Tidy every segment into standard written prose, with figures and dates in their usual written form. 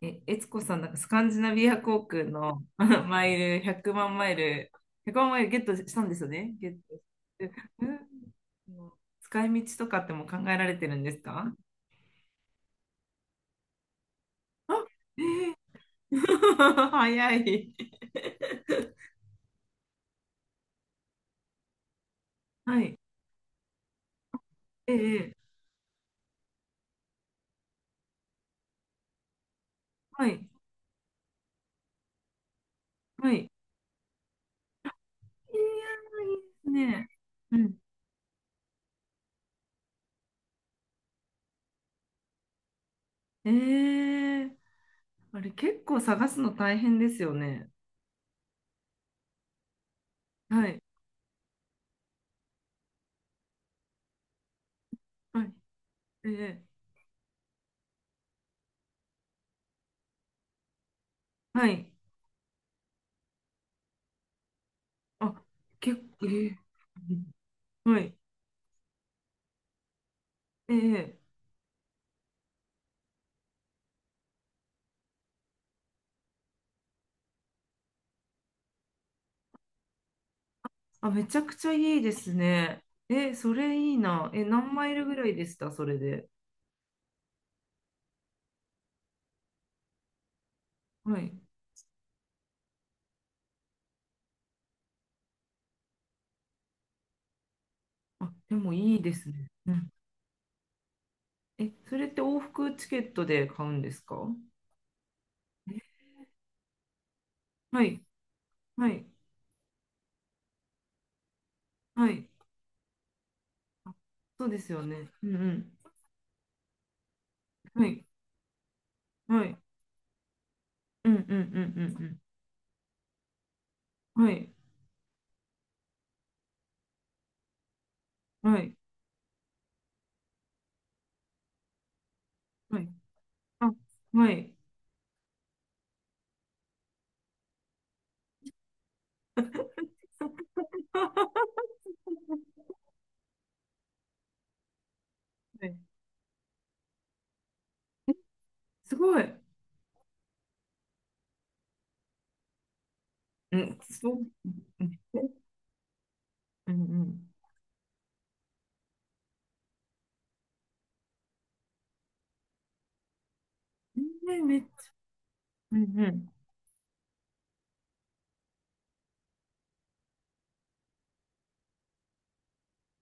悦子さん、なんかスカンジナビア航空の マイル、100万マイル、100万マイルゲットしたんですよね。ゲットして。うん。使い道とかっても考えられてるんですか？あ、えー 早い。はい。ええ、はい。はい。いやー、いいですね。うん。ええ。あれ結構探すの大変ですよね？はい。はい。ええ、はい。あ、結構、ええ、はい。ええ。めちゃくちゃいいですね。え、それいいな。え、何マイルぐらいでしたそれで？はい。あ、でもいいですね。うん。え、それって往復チケットで買うんですか？はい。はい。はい。そうですよね。うんうん。はい。はい。うんうんうんうんうん。はい。はい。はい。あ、はい。はいえすごい。うん、そう。うんうん。うん。うんうん。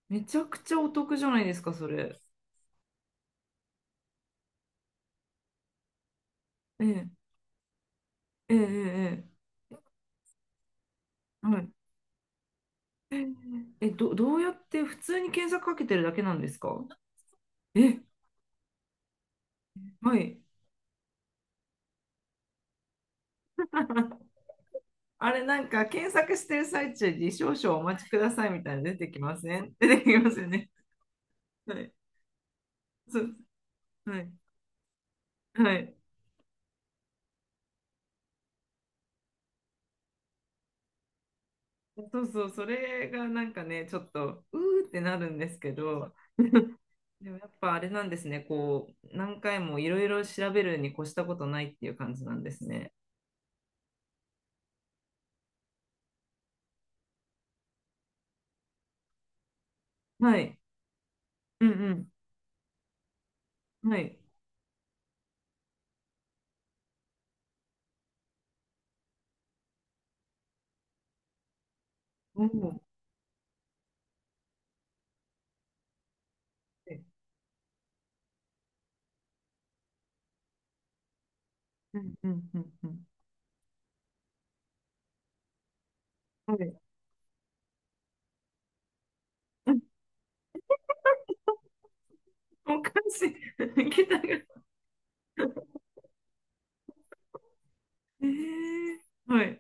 めちゃくちゃお得じゃないですか、それ。ええ、ええ、ええ、はい。え、どうやって普通に検索かけてるだけなんですか？え、はい。あれなんか検索してる最中に少々お待ちくださいみたいなの出てきません？ 出てきますよね。はい。そう、はい。はい。そうそう、それがなんかね、ちょっと、うーってなるんですけど、でもやっぱあれなんですね、こう、何回もいろいろ調べるに越したことないっていう感じなんですね。はい。うんうん。はい。おお。うんうんうんうん。はい。うん。おかしい。桁が。えー、はい。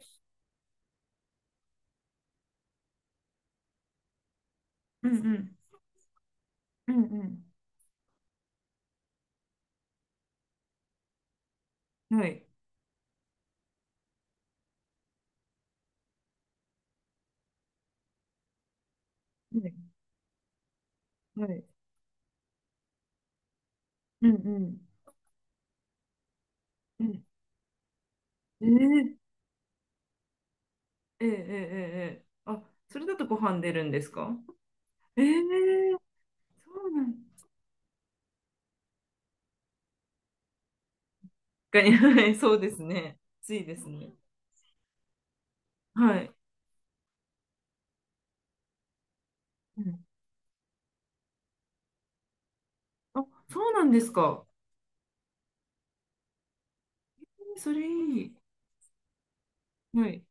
うんうん。うんうん。はい。はい。はい。うんうんうん。えー、えー、えー、えーえーあ、それだとご飯出るんですか？えー、そうなん確かに、はい、そうですね。ついですね。はい。うん、あ、そうなんですか。それいい。はい。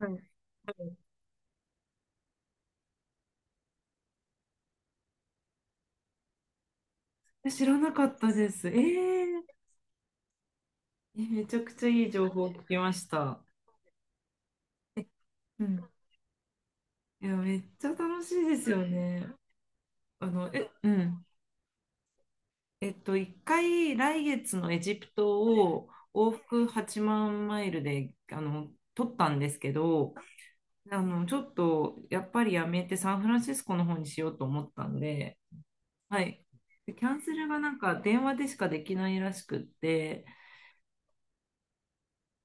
はい。知らなかったです。めちゃくちゃいい情報を聞きました。うん。いや、めっちゃ楽しいですよね。うん。一回来月のエジプトを往復8万マイルで、取ったんですけど、ちょっとやっぱりやめてサンフランシスコの方にしようと思ったんで、はい。でキャンセルがなんか電話でしかできないらしくって、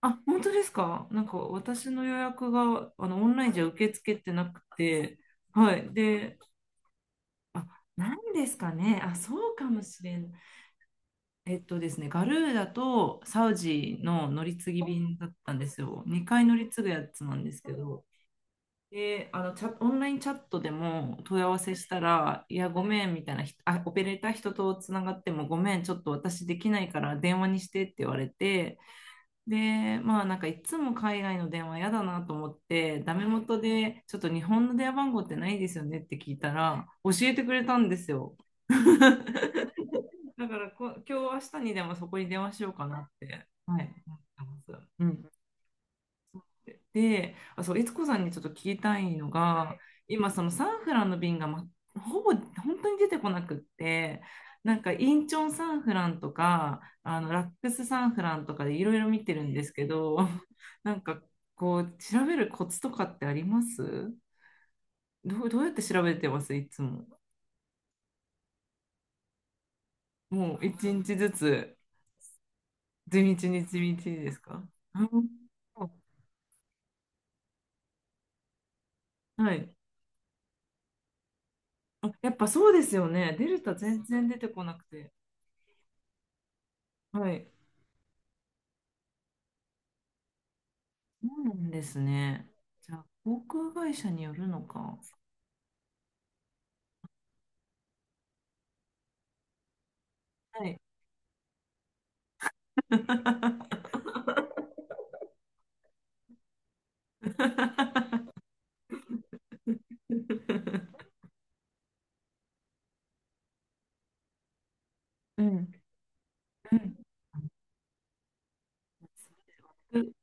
あ、本当ですか？なんか私の予約があのオンラインじゃ受け付けてなくて、はい。で、あ、なんですかね。あ、そうかもしれん。ですね、ガルーダとサウジの乗り継ぎ便だったんですよ。2回乗り継ぐやつなんですけど。で、オンラインチャットでも問い合わせしたら、いや、ごめんみたいなオペレーター人とつながっても、ごめん、ちょっと私できないから電話にしてって言われて、で、まあなんかいつも海外の電話嫌だなと思って、ダメ元でちょっと日本の電話番号ってないですよねって聞いたら、教えてくれたんですよ。だから今日明日にでもそこに電話しようかなって、はい、思ってます。うんで、あ、そう、悦子さんにちょっと聞きたいのが、今、そのサンフランの便が、ま、ほぼ本当に出てこなくって、なんかインチョンサンフランとか、あのラックスサンフランとかでいろいろ見てるんですけど、なんかこう、調べるコツとかってあります？どうやって調べてますいつも？もう一日ずつ、地道に地道にですか？うん、はい。やっぱそうですよね。デルタ全然出てこなくて。はい。そうなんですね。じゃあ、航空会社によるのか。はい。うん。うん。うん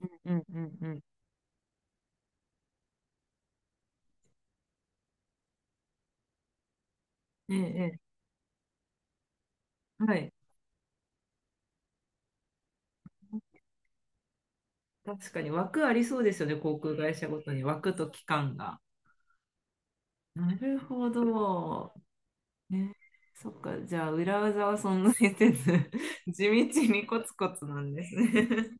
うんうんうん。ええ、ええ、はい。確かに枠ありそうですよね、航空会社ごとに枠と期間が。なるほど。ね、そっか、じゃあ裏技は存在せず、地道にコツコツなんですね。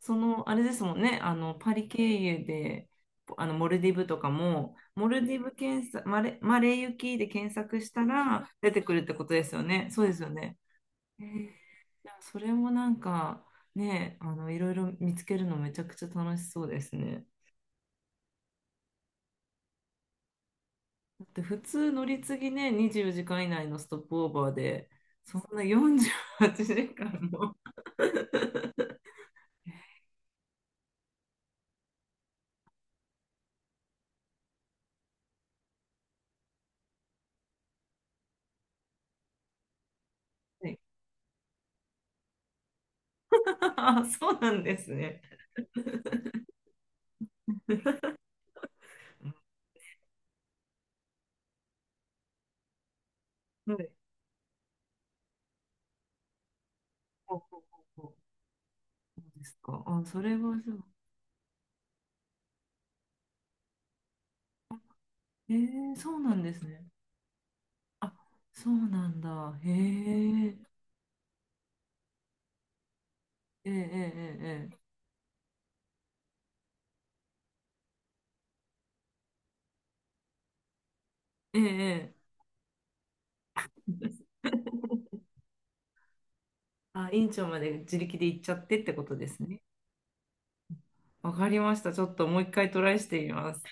その、あれですもんね、パリ経由で、モルディブとかも、モルディブ検索、マレー行きで検索したら出てくるってことですよね。そうですよね。えーいやそれもなんか、ね、いろいろ見つけるのめちゃくちゃ楽しそうですね。だって普通乗り継ぎね、24時間以内のストップオーバーで、そんな48時間も。はい そうなんですね。うんはいほうほうほうほうそうですか。あ、それはそう。えー、そうなんですね。あ、そうなんだ。へえ。ええええええええええ あ、院長まで自力で行っちゃってってことですね。わかりました。ちょっともう一回トライしてみます。